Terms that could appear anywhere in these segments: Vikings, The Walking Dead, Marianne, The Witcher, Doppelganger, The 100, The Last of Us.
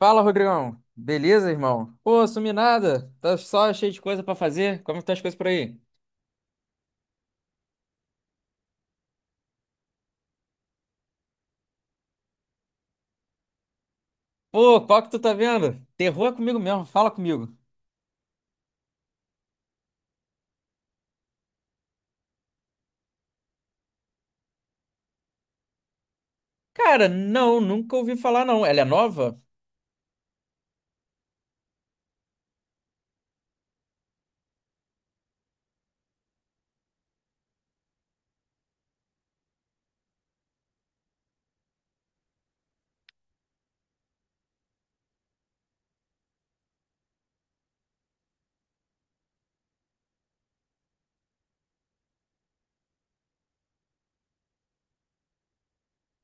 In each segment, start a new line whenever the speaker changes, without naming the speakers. Fala, Rodrigão. Beleza, irmão? Pô, sumi nada. Tá só cheio de coisa pra fazer. Como estão as coisas por aí? Pô, qual que tu tá vendo? Terror é comigo mesmo. Fala comigo. Cara, não, nunca ouvi falar não. Ela é nova?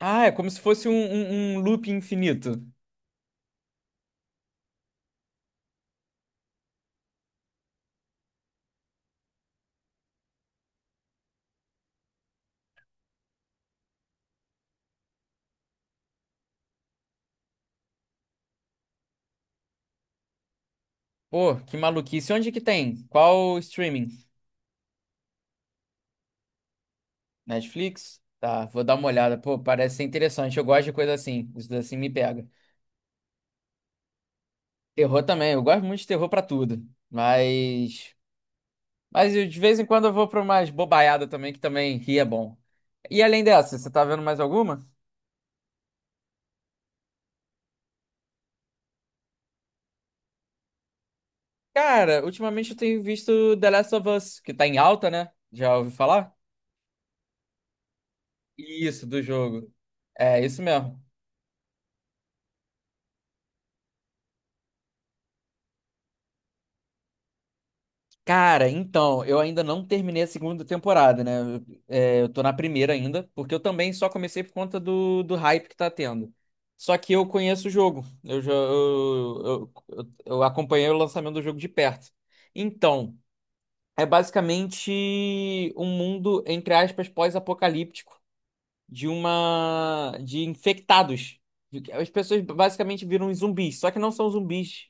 Ah, é como se fosse um loop infinito. Pô, que maluquice. Onde que tem? Qual streaming? Netflix? Tá, vou dar uma olhada. Pô, parece ser interessante. Eu gosto de coisa assim. Isso assim me pega. Terror também. Eu gosto muito de terror pra tudo. Mas de vez em quando eu vou pra umas bobaiada também, que também ri é bom. E além dessa, você tá vendo mais alguma? Cara, ultimamente eu tenho visto The Last of Us, que tá em alta, né? Já ouvi falar? Isso, do jogo. É, isso mesmo. Cara, então, eu ainda não terminei a segunda temporada, né? É, eu tô na primeira ainda, porque eu também só comecei por conta do hype que tá tendo. Só que eu conheço o jogo. Eu já eu acompanhei o lançamento do jogo de perto. Então. É basicamente um mundo, entre aspas, pós-apocalíptico de uma de infectados. As pessoas basicamente viram zumbis, só que não são zumbis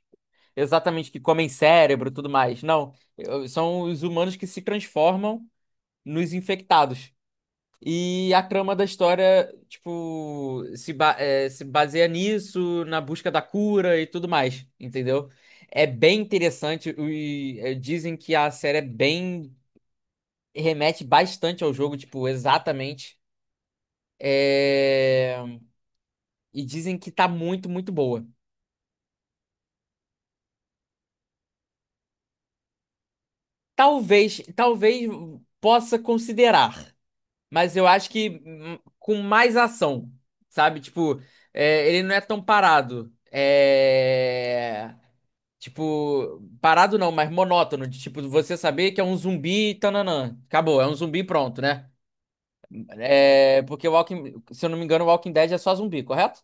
exatamente que comem cérebro e tudo mais. Não, são os humanos que se transformam nos infectados. E a trama da história, tipo, se, ba- eh, se baseia nisso, na busca da cura e tudo mais, entendeu? É bem interessante. Dizem que a série é bem remete bastante ao jogo, tipo, exatamente. É, E dizem que tá muito, muito boa. Talvez possa considerar, mas eu acho que com mais ação, sabe? Tipo, ele não é tão parado. Tipo, parado não, mas monótono, de tipo, você saber que é um zumbi, tananã. Acabou, é um zumbi pronto, né? É, porque o Walking, se eu não me engano, o Walking Dead é só zumbi, correto?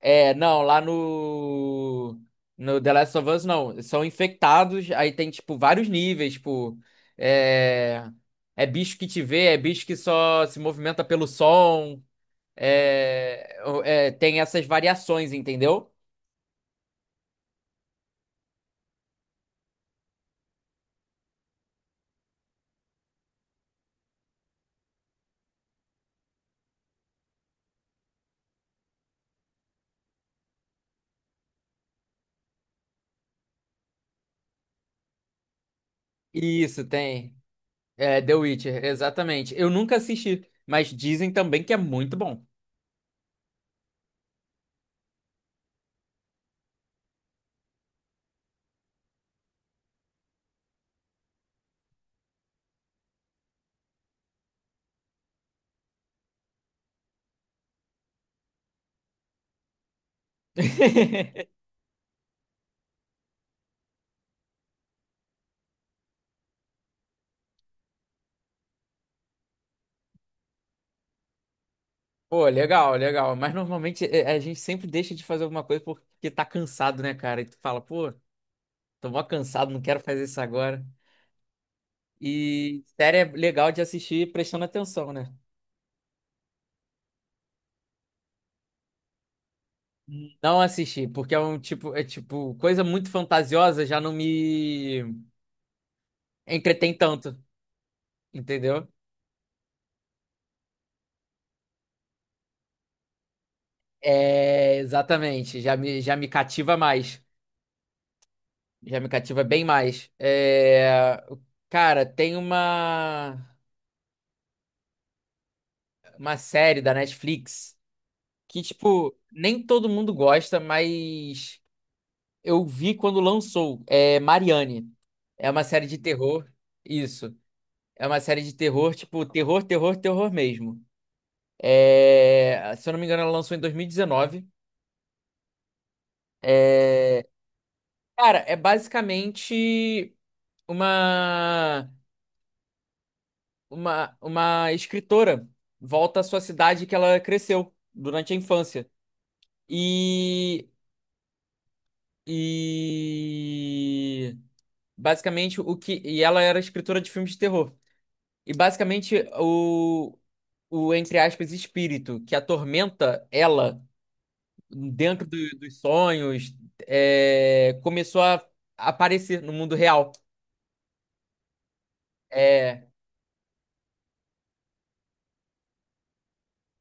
É, não, lá no The Last of Us, não. São infectados, aí tem, tipo, vários níveis, tipo, é, bicho que te vê, é bicho que só se movimenta pelo som, tem essas variações, entendeu? Isso, tem. É, The Witcher, exatamente. Eu nunca assisti, mas dizem também que é muito bom. Pô, legal, legal. Mas normalmente é, a gente sempre deixa de fazer alguma coisa porque tá cansado, né, cara? E tu fala, pô. Tô mó cansado, não quero fazer isso agora. E série é legal de assistir prestando atenção, né? Não assisti, porque é um tipo, é tipo, coisa muito fantasiosa já não me entretém tanto, entendeu? É, exatamente, já me cativa mais, já me cativa bem mais. É, cara, tem uma série da Netflix que, tipo, nem todo mundo gosta, mas eu vi quando lançou, é Marianne. É uma série de terror. Isso. É uma série de terror, tipo, terror, terror, terror mesmo. É, se eu não me engano, ela lançou em 2019. É, cara, é basicamente uma... uma escritora volta à sua cidade que ela cresceu durante a infância. E e basicamente o que e ela era escritora de filmes de terror. E basicamente entre aspas, espírito que atormenta ela dentro dos sonhos começou a aparecer no mundo real. É,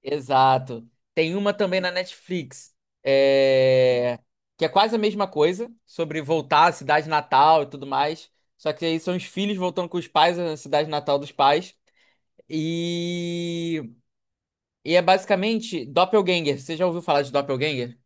exato. Tem uma também na Netflix, é, que é quase a mesma coisa, sobre voltar à cidade natal e tudo mais. Só que aí são os filhos voltando com os pais à cidade natal dos pais. E, e é basicamente Doppelganger. Você já ouviu falar de Doppelganger?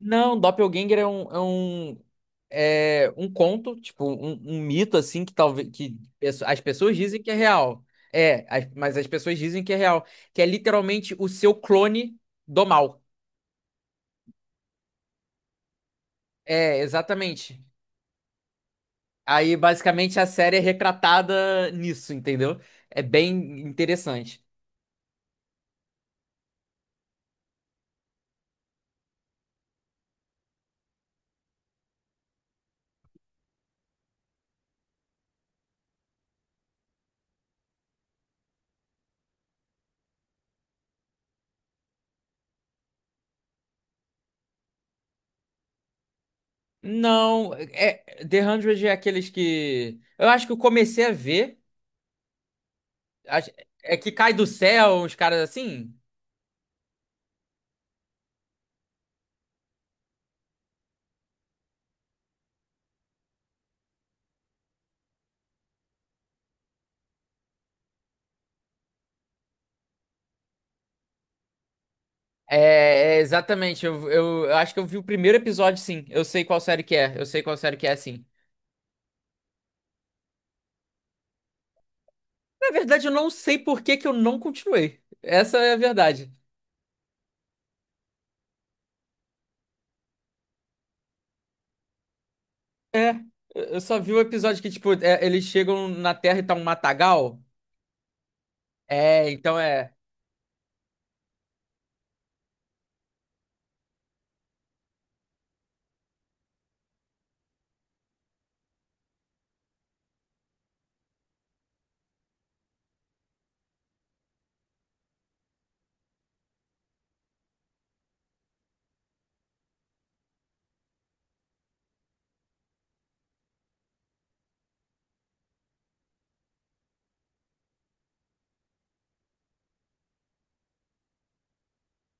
Não, Doppelganger é um conto, tipo, um mito, assim, que talvez as pessoas dizem que é real. Mas as pessoas dizem que é real. Que é literalmente o seu clone do mal. É, exatamente. Aí, basicamente, a série é retratada nisso, entendeu? É bem interessante. Não, é, The 100 é aqueles que. Eu acho que eu comecei a ver. acho- É que cai do céu, uns caras assim. Exatamente. Eu acho que eu vi o primeiro episódio, sim. Eu sei qual série que é. Eu sei qual série que é, sim. Na verdade, eu não sei por que que eu não continuei. Essa é a verdade. É. Eu só vi o episódio que, tipo, eles chegam na Terra e tá um matagal. É, então é.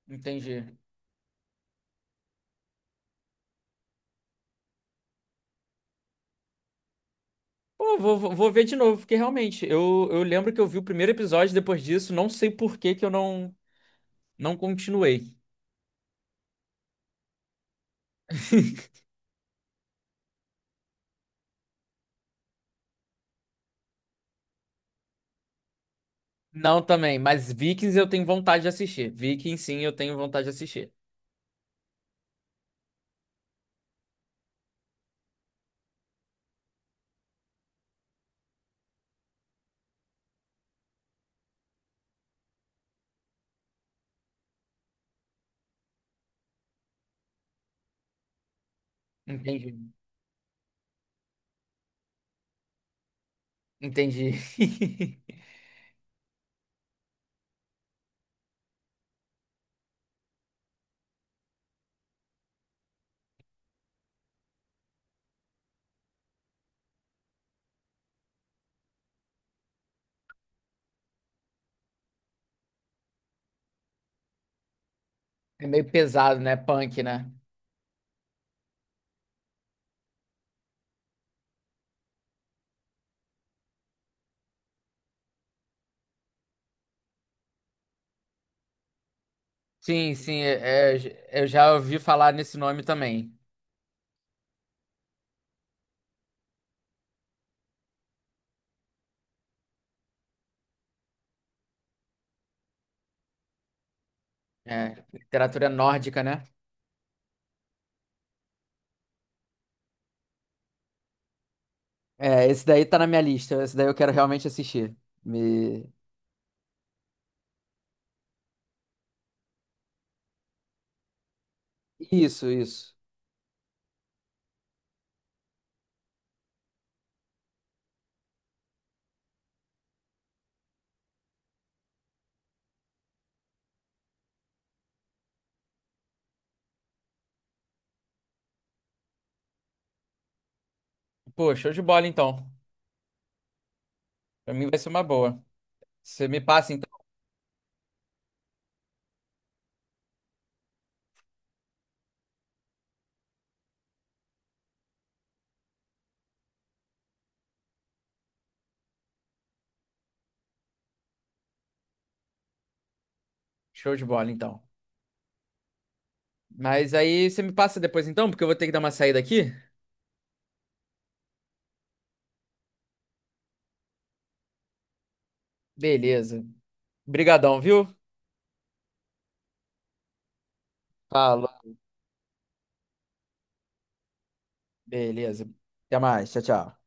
Entendi. Pô, vou ver de novo, porque realmente, eu lembro que eu vi o primeiro episódio depois disso, não sei por que que eu não, não continuei. Não também, mas Vikings eu tenho vontade de assistir. Vikings, sim, eu tenho vontade de assistir. Entendi. Entendi. É meio pesado, né? Punk, né? Sim, sim, eu já ouvi falar nesse nome também. É, literatura nórdica, né? É, esse daí tá na minha lista. Esse daí eu quero realmente assistir. Me... Isso, isso. Pô, show de bola então. Pra mim vai ser uma boa. Você me passa então. Show de bola então. Mas aí você me passa depois então, porque eu vou ter que dar uma saída aqui. Beleza. Brigadão, viu? Falou. Beleza. Até mais. Tchau, tchau.